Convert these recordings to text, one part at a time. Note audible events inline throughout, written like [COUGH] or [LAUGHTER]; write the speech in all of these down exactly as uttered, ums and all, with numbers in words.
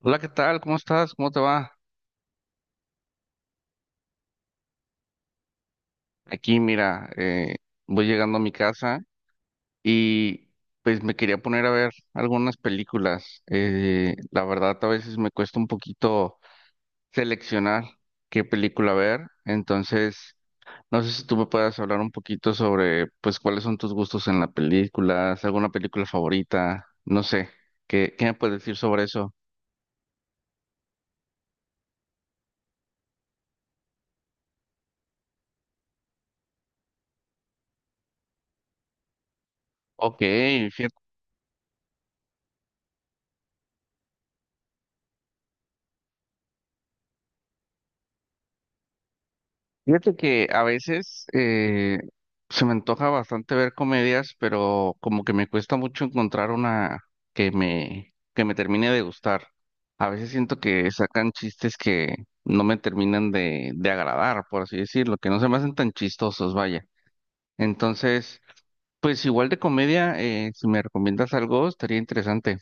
Hola, ¿qué tal? ¿Cómo estás? ¿Cómo te va? Aquí, mira, eh, voy llegando a mi casa y pues me quería poner a ver algunas películas. Eh, la verdad, a veces me cuesta un poquito seleccionar qué película ver. Entonces, no sé si tú me puedas hablar un poquito sobre, pues, cuáles son tus gustos en las películas, alguna película favorita, no sé, ¿qué, qué me puedes decir sobre eso? Ok, fíjate. Fíjate que a veces eh, se me antoja bastante ver comedias, pero como que me cuesta mucho encontrar una que me, que me termine de gustar. A veces siento que sacan chistes que no me terminan de, de agradar, por así decirlo, que no se me hacen tan chistosos, vaya. Entonces, pues igual de comedia, eh, si me recomiendas algo, estaría interesante.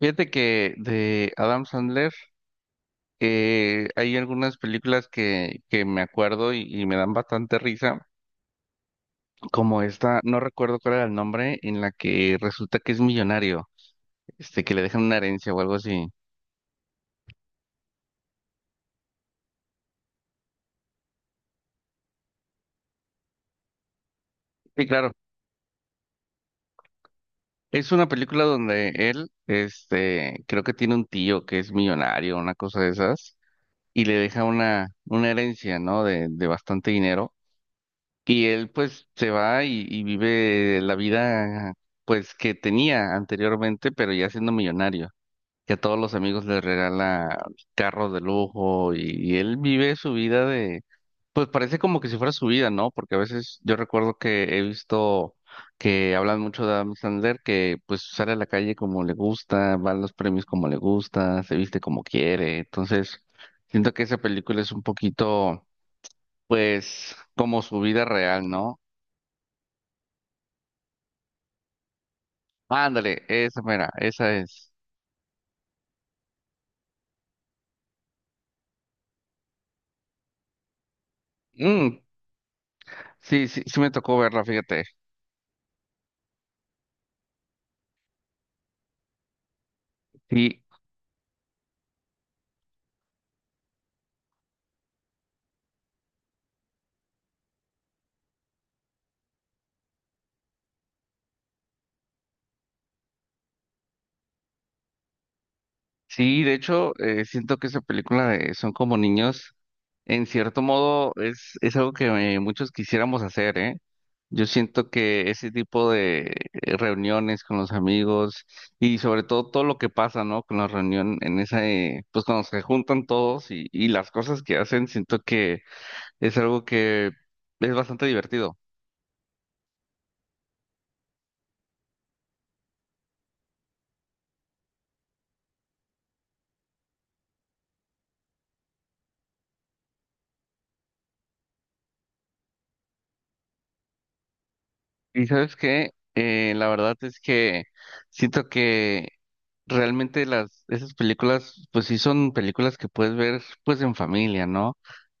Fíjate que de Adam Sandler eh, hay algunas películas que, que me acuerdo y y me dan bastante risa como esta, no recuerdo cuál era el nombre, en la que resulta que es millonario, este, que le dejan una herencia o algo así. Sí, claro. Es una película donde él, este, creo que tiene un tío que es millonario, una cosa de esas, y le deja una, una herencia, ¿no? De, de bastante dinero. Y él, pues, se va y, y vive la vida, pues, que tenía anteriormente, pero ya siendo millonario, que a todos los amigos les regala carros de lujo, y, y él vive su vida, de, pues parece como que si fuera su vida, ¿no? Porque a veces yo recuerdo que he visto que hablan mucho de Adam Sandler, que pues sale a la calle como le gusta, va a los premios como le gusta, se viste como quiere. Entonces siento que esa película es un poquito, pues, como su vida real, ¿no? Ándale, esa mera, esa es. Mm, sí, sí, sí me tocó verla, fíjate. Sí. Sí, de hecho, eh, siento que esa película de Son como niños, en cierto modo, es, es algo que eh, muchos quisiéramos hacer, ¿eh? Yo siento que ese tipo de eh, reuniones con los amigos y sobre todo todo lo que pasa, ¿no? Con la reunión en esa, eh, pues cuando se juntan todos y, y las cosas que hacen, siento que es algo que es bastante divertido. Y sabes qué, Eh, la verdad es que siento que realmente las esas películas, pues sí son películas que puedes ver pues en familia, ¿no?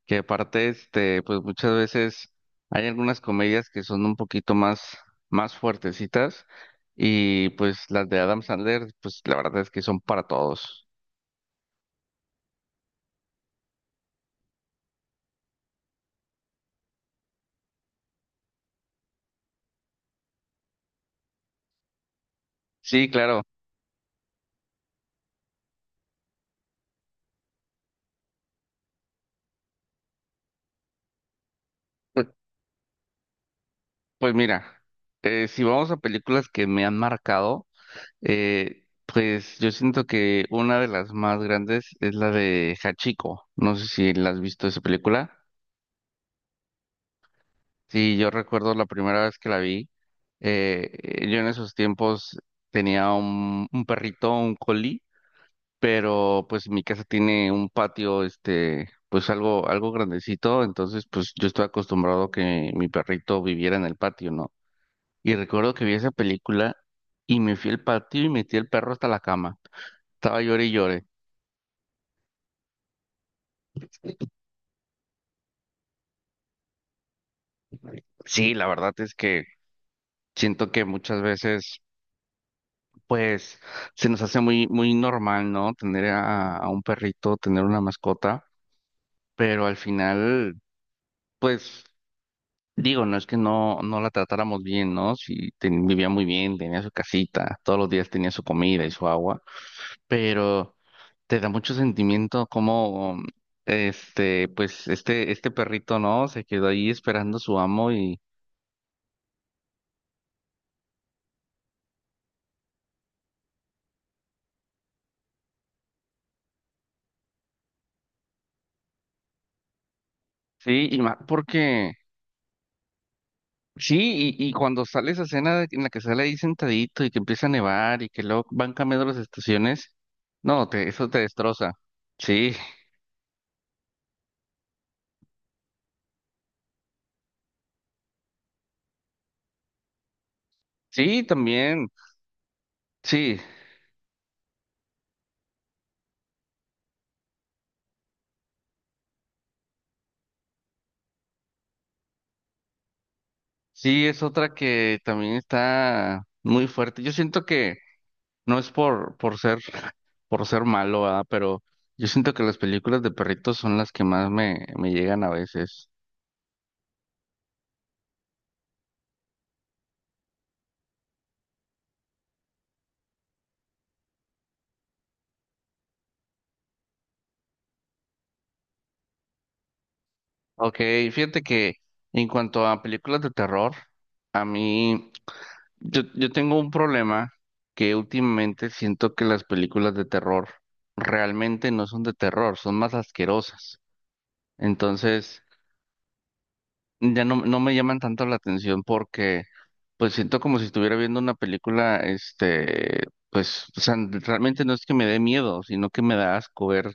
Que aparte, este, pues muchas veces hay algunas comedias que son un poquito más, más fuertecitas, y pues las de Adam Sandler, pues la verdad es que son para todos. Sí, claro. Pues, pues mira, eh, si vamos a películas que me han marcado. Eh, pues yo siento que una de las más grandes es la de Hachiko. No sé si la has visto esa película. Sí, yo recuerdo la primera vez que la vi. Eh, yo en esos tiempos tenía un, un perrito, un collie, pero pues mi casa tiene un patio, este, pues algo, algo grandecito. Entonces, pues yo estaba acostumbrado a que mi perrito viviera en el patio, ¿no? Y recuerdo que vi esa película y me fui al patio y metí el perro hasta la cama. Estaba llore y llore. Sí, la verdad es que siento que muchas veces, pues, se nos hace muy, muy normal, ¿no? Tener a, a un perrito, tener una mascota, pero al final, pues, digo, no es que no, no la tratáramos bien, ¿no? Si vivía muy bien, tenía su casita, todos los días tenía su comida y su agua, pero te da mucho sentimiento como, este, pues, este, este perrito, ¿no? Se quedó ahí esperando a su amo y, sí, y más porque... Sí, y, y cuando sale esa escena de- en la que sale ahí sentadito y que empieza a nevar y que luego van cambiando las estaciones, no, te, eso te destroza. Sí, sí, también, sí, sí, es otra que también está muy fuerte. Yo siento que no es por, por ser, [LAUGHS] por ser malo, ¿verdad? Pero yo siento que las películas de perritos son las que más me, me llegan a veces. Ok, fíjate que en cuanto a películas de terror, a mí... Yo, yo tengo un problema que últimamente siento que las películas de terror realmente no son de terror, son más asquerosas. Entonces, ya no, no me llaman tanto la atención porque pues siento como si estuviera viendo una película, este, pues, o sea, realmente no es que me dé miedo, sino que me da asco ver,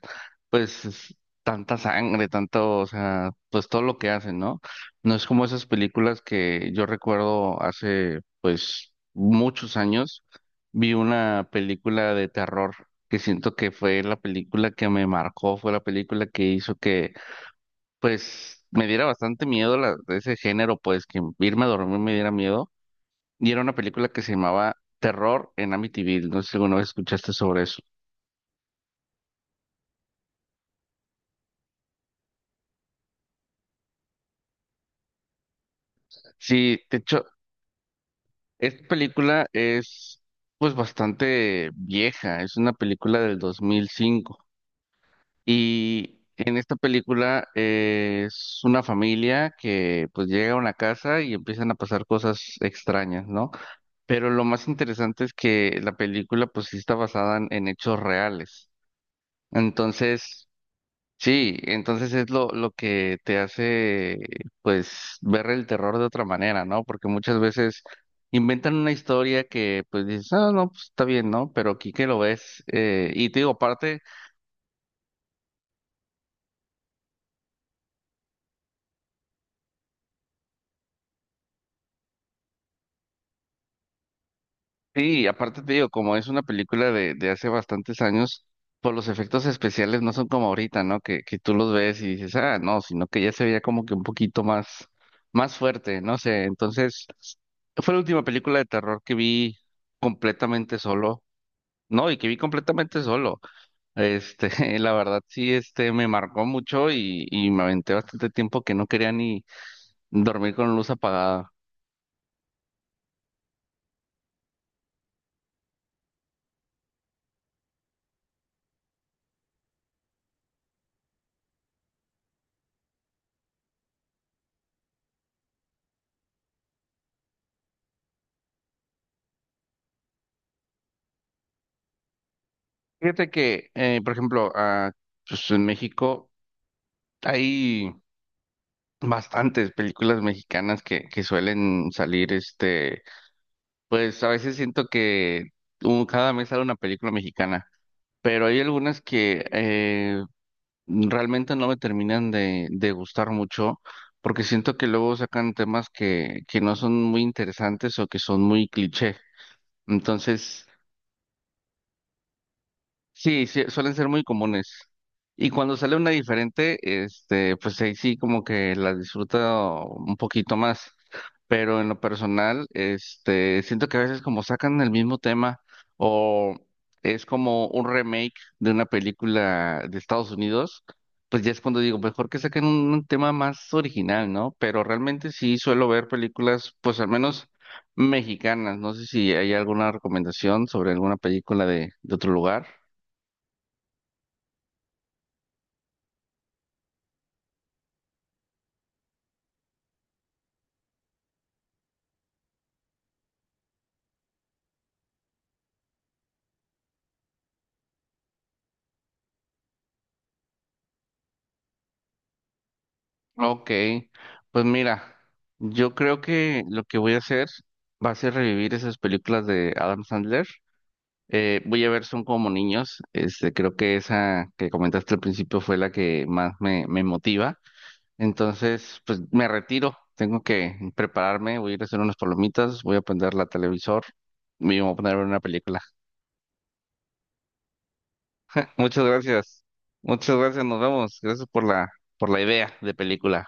pues, es- tanta sangre, tanto, o sea, pues todo lo que hacen, ¿no? No es como esas películas que yo recuerdo hace, pues, muchos años. Vi una película de terror que siento que fue la película que me marcó, fue la película que hizo pues me diera bastante miedo la, de ese género, pues que irme a dormir me diera miedo. Y era una película que se llamaba Terror en Amityville. No sé si alguna vez escuchaste sobre eso. Sí, de hecho, esta película es pues bastante vieja. Es una película del dos mil cinco. Y en esta película eh, es una familia que pues llega a una casa y empiezan a pasar cosas extrañas, ¿no? Pero lo más interesante es que la película pues sí está basada en, en hechos reales. Entonces, sí, entonces es lo, lo que te hace, pues, ver el terror de otra manera, ¿no? Porque muchas veces inventan una historia que, pues, dices, ah, no, pues está bien, ¿no? Pero aquí que lo ves, eh, y te digo, aparte. Sí, aparte te digo, como es una película de, de hace bastantes años, pues los efectos especiales no son como ahorita, ¿no? Que, que tú los ves y dices, ah, no, sino que ya se veía como que un poquito más, más fuerte, no sé. Entonces, fue la última película de terror que vi completamente solo, ¿no? Y que vi completamente solo. Este, [LAUGHS] la verdad sí, este, me marcó mucho y, y me aventé bastante tiempo que no quería ni dormir con luz apagada. Fíjate que, eh, por ejemplo, ah, pues en México. Hay bastantes películas mexicanas que, que suelen salir, este, pues a veces siento que un- cada mes sale una película mexicana, pero hay algunas que eh, realmente no me terminan de, de gustar mucho, porque siento que luego sacan temas que, que no son muy interesantes o que son muy cliché. Entonces sí, sí, suelen ser muy comunes. Y cuando sale una diferente, este, pues ahí sí como que la disfruto un poquito más. Pero en lo personal, este, siento que a veces como sacan el mismo tema o es como un remake de una película de Estados Unidos, pues ya es cuando digo, mejor que saquen un, un tema más original, ¿no? Pero realmente sí suelo ver películas, pues al menos mexicanas. No sé si hay alguna recomendación sobre alguna película de, de otro lugar. Ok, pues mira, yo creo que lo que voy a hacer va a ser revivir esas películas de Adam Sandler. Eh, voy a ver Son como niños. Este, creo que esa que comentaste al principio fue la que más me, me motiva. Entonces, pues me retiro. Tengo que prepararme. Voy a ir a hacer unas palomitas. Voy a prender la televisor y me voy a poner a ver una película. [LAUGHS] Muchas gracias. Muchas gracias. Nos vemos. Gracias por la, por la idea de película.